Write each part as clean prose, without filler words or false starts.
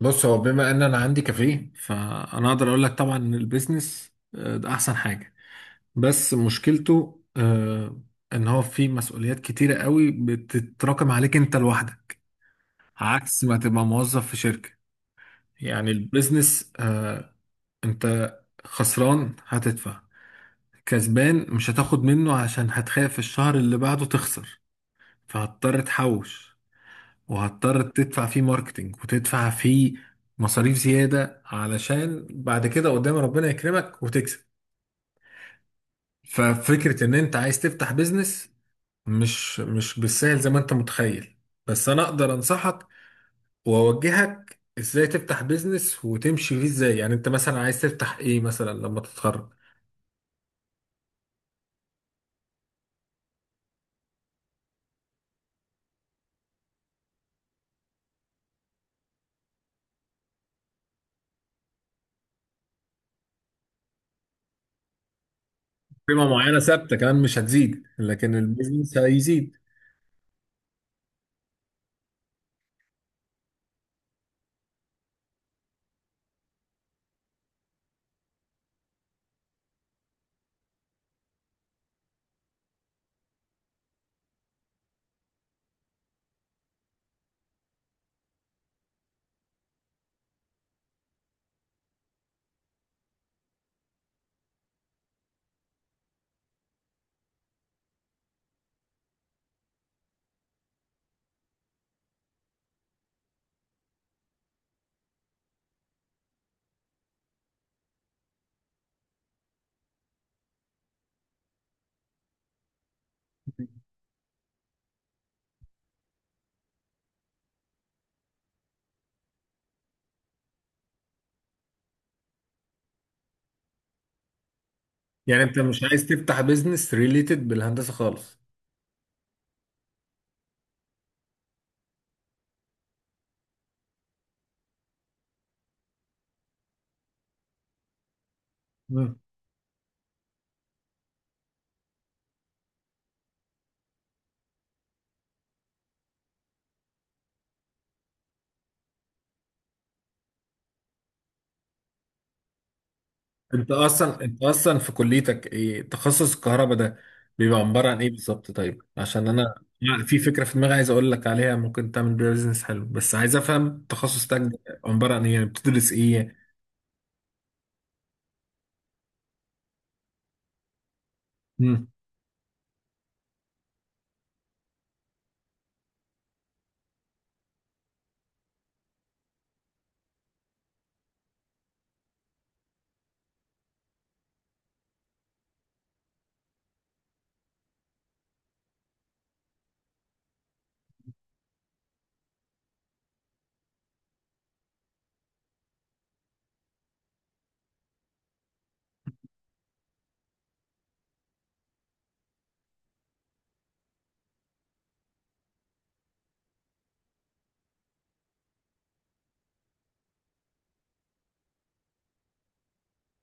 بص، هو بما ان انا عندي كافيه فانا اقدر اقول لك طبعا ان البيزنس ده احسن حاجه. بس مشكلته ان هو فيه مسؤوليات كتيره قوي بتتراكم عليك انت لوحدك، عكس ما تبقى موظف في شركه. يعني البيزنس انت خسران هتدفع، كسبان مش هتاخد منه عشان هتخاف الشهر اللي بعده تخسر، فهتضطر تحوش، وهتضطر تدفع فيه ماركتينج وتدفع فيه مصاريف زيادة علشان بعد كده قدام ربنا يكرمك وتكسب. ففكرة ان انت عايز تفتح بيزنس مش بالسهل زي ما انت متخيل. بس انا اقدر انصحك واوجهك ازاي تفتح بيزنس وتمشي فيه ازاي. يعني انت مثلا عايز تفتح ايه مثلا لما تتخرج؟ قيمة معينة ثابتة كمان مش هتزيد، لكن البيزنس هيزيد. يعني انت مش عايز تفتح بيزنس ريليتد بالهندسة خالص؟ مم. انت اصلا، في كليتك ايه تخصص الكهرباء ده؟ بيبقى عبارة عن ايه بالظبط؟ طيب عشان انا يعني في فكرة في دماغي عايز اقول لك عليها، ممكن تعمل بيها بيزنس حلو، بس عايز افهم تخصص تاج ده عبارة عن ايه، يعني بتدرس ايه؟ مم.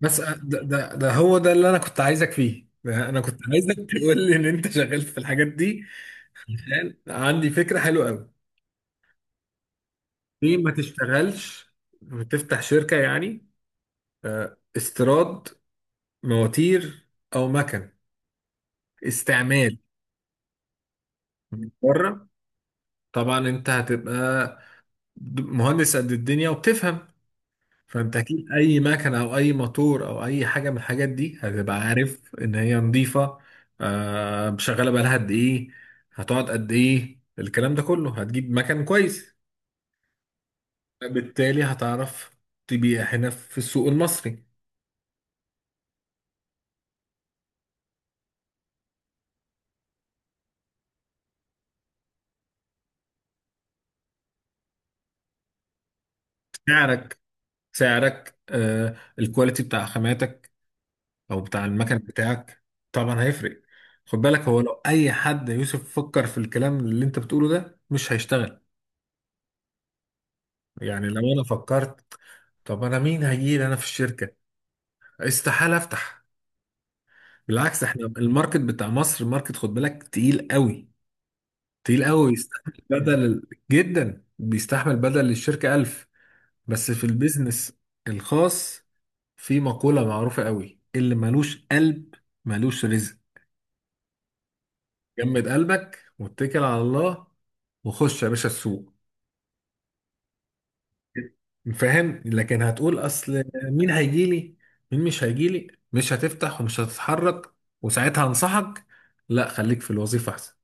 بس ده هو ده اللي انا كنت عايزك فيه، ده انا كنت عايزك تقول لي ان انت شغال في الحاجات دي. عشان عندي فكرة حلوة قوي. ليه ما تشتغلش وتفتح شركة يعني استيراد مواتير او مكن استعمال بره؟ طبعا انت هتبقى مهندس قد الدنيا وبتفهم، فانت اكيد اي مكنه او اي موتور او اي حاجه من الحاجات دي هتبقى عارف ان هي نظيفه، آه شغاله بقالها قد ايه، هتقعد قد ايه، الكلام ده كله. هتجيب مكن كويس، بالتالي هتعرف تبيع هنا في السوق المصري. سعرك سعرك آه الكواليتي بتاع خاماتك او بتاع المكن بتاعك طبعا هيفرق. خد بالك، هو لو اي حد يا يوسف فكر في الكلام اللي انت بتقوله ده مش هيشتغل. يعني لو انا فكرت طب انا مين هيجي لي انا في الشركه، استحاله افتح. بالعكس احنا الماركت بتاع مصر ماركت، خد بالك، تقيل قوي، تقيل قوي، يستحمل بدل جدا، بيستحمل بدل للشركه ألف. بس في البيزنس الخاص في مقولة معروفة قوي، اللي ملوش قلب ملوش رزق. جمد قلبك واتكل على الله وخش يا باشا السوق. فاهم؟ لكن هتقول اصل مين هيجيلي مين مش هيجيلي، مش هتفتح ومش هتتحرك، وساعتها انصحك لا خليك في الوظيفة احسن.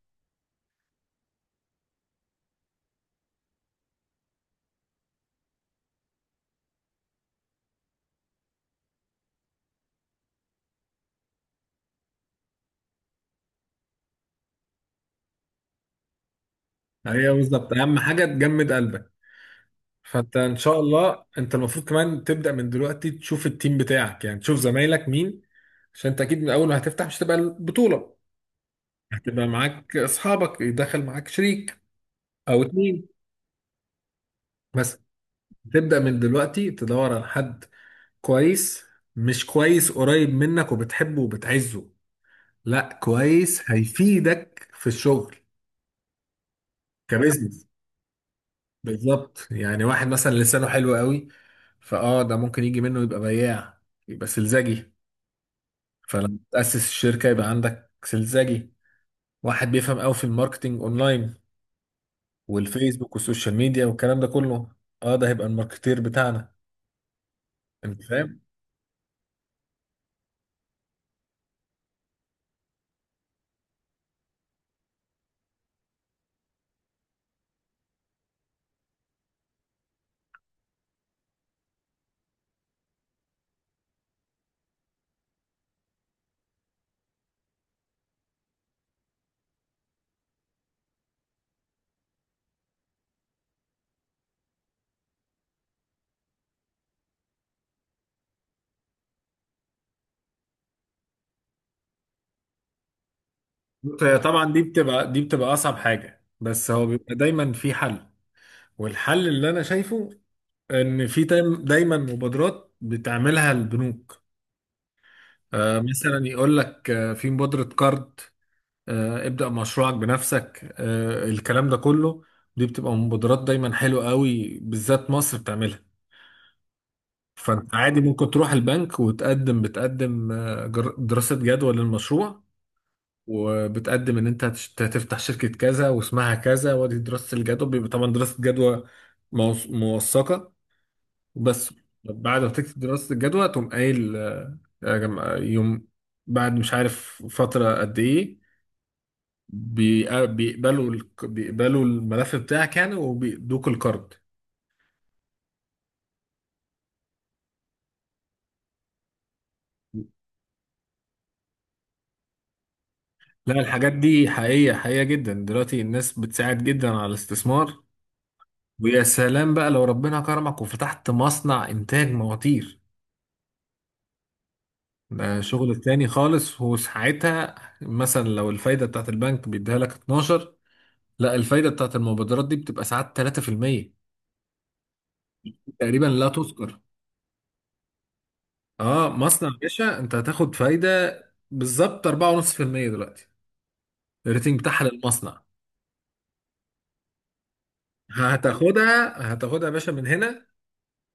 هي بالظبط اهم حاجة تجمد قلبك. فانت ان شاء الله انت المفروض كمان تبدأ من دلوقتي تشوف التيم بتاعك، يعني تشوف زمايلك مين، عشان انت اكيد من اول ما هتفتح مش هتبقى البطولة، هتبقى معاك اصحابك، يدخل معاك شريك او اتنين. بس تبدأ من دلوقتي تدور على حد كويس. مش كويس قريب منك وبتحبه وبتعزه، لا، كويس هيفيدك في الشغل. كبزنس، بالظبط. يعني واحد مثلا لسانه حلو قوي، فاه ده ممكن يجي منه يبقى بياع، يبقى سلزجي، فلما تأسس الشركة يبقى عندك سلزجي. واحد بيفهم قوي في الماركتينج اونلاين والفيسبوك والسوشيال ميديا والكلام ده كله، اه ده هيبقى الماركتير بتاعنا. انت فاهم؟ بص، هي طبعا دي بتبقى اصعب حاجه، بس هو بيبقى دايما في حل. والحل اللي انا شايفه ان في دايما مبادرات بتعملها البنوك. آه مثلا يقول لك آه في مبادره كارد، آه ابدا مشروعك بنفسك، آه الكلام ده كله. دي بتبقى مبادرات دايما حلوه قوي، بالذات مصر بتعملها. فانت عادي ممكن تروح البنك وتقدم دراسه جدوى للمشروع، وبتقدم ان انت هتفتح شركة كذا واسمها كذا، وادي دراسة الجدوى، بيبقى طبعا دراسة جدوى موثقة. بس بعد ما تكتب دراسة الجدوى تقوم قايل يا جماعة يوم بعد، مش عارف فترة قد ايه، بيقبلوا الملف بتاعك يعني، وبيدوك القرض. لا الحاجات دي حقيقية، حقيقية جدا، دلوقتي الناس بتساعد جدا على الاستثمار. ويا سلام بقى لو ربنا كرمك وفتحت مصنع إنتاج مواتير، ده شغل تاني خالص. وساعتها مثلا لو الفايدة بتاعت البنك بيديها لك 12، لا الفايدة بتاعت المبادرات دي بتبقى ساعات 3% تقريبا، لا تذكر. اه مصنع يا باشا انت هتاخد فايدة بالظبط 4.5% دلوقتي الريتنج بتاعها للمصنع. هتاخدها هتاخدها يا باشا من هنا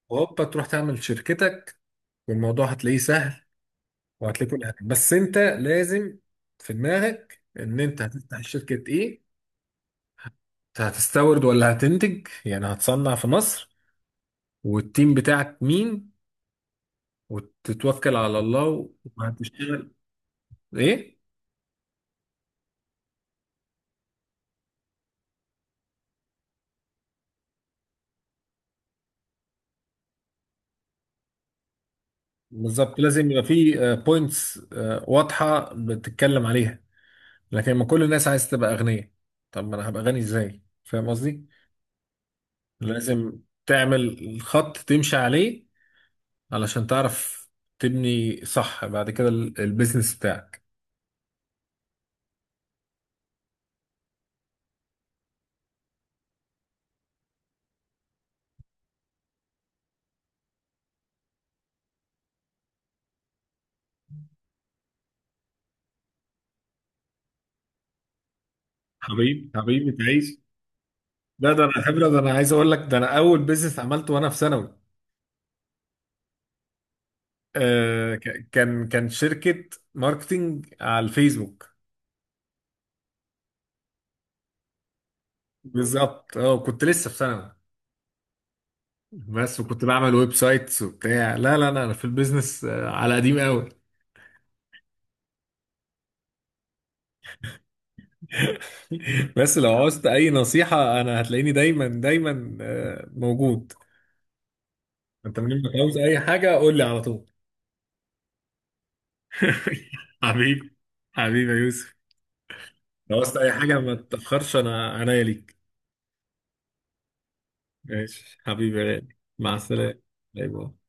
وهوبا تروح تعمل شركتك، والموضوع هتلاقيه سهل، وهتلاقيه كل حاجة. بس انت لازم في دماغك ان انت هتفتح شركة ايه، انت هتستورد ولا هتنتج يعني هتصنع في مصر، والتيم بتاعك مين، وتتوكل على الله وهتشتغل. ايه بالظبط لازم يبقى في بوينتس واضحة بتتكلم عليها. لكن ما كل الناس عايز تبقى أغنية، طب ما انا هبقى غني ازاي، فاهم قصدي؟ لازم تعمل الخط تمشي عليه علشان تعرف تبني صح بعد كده البيزنس بتاعك. حبيبي حبيبي تعيش. لا ده انا خبره، ده انا عايز اقول لك ده انا اول بيزنس عملته وانا في ثانوي. كان شركه ماركتينج على الفيسبوك. بالظبط، اه كنت لسه في ثانوي، بس وكنت بعمل ويب سايتس وبتاع، لا لا لا انا في البيزنس على قديم قوي. بس لو عاوزت اي نصيحه انا هتلاقيني دايما، دايما موجود. انت منين عاوز اي حاجه قول لي على طول. حبيبي. حبيبي يا يوسف. لو عاوزت اي حاجه ما تتاخرش، انا عناية ليك. ماشي حبيبي يا غالي. مع السلامة. باي باي.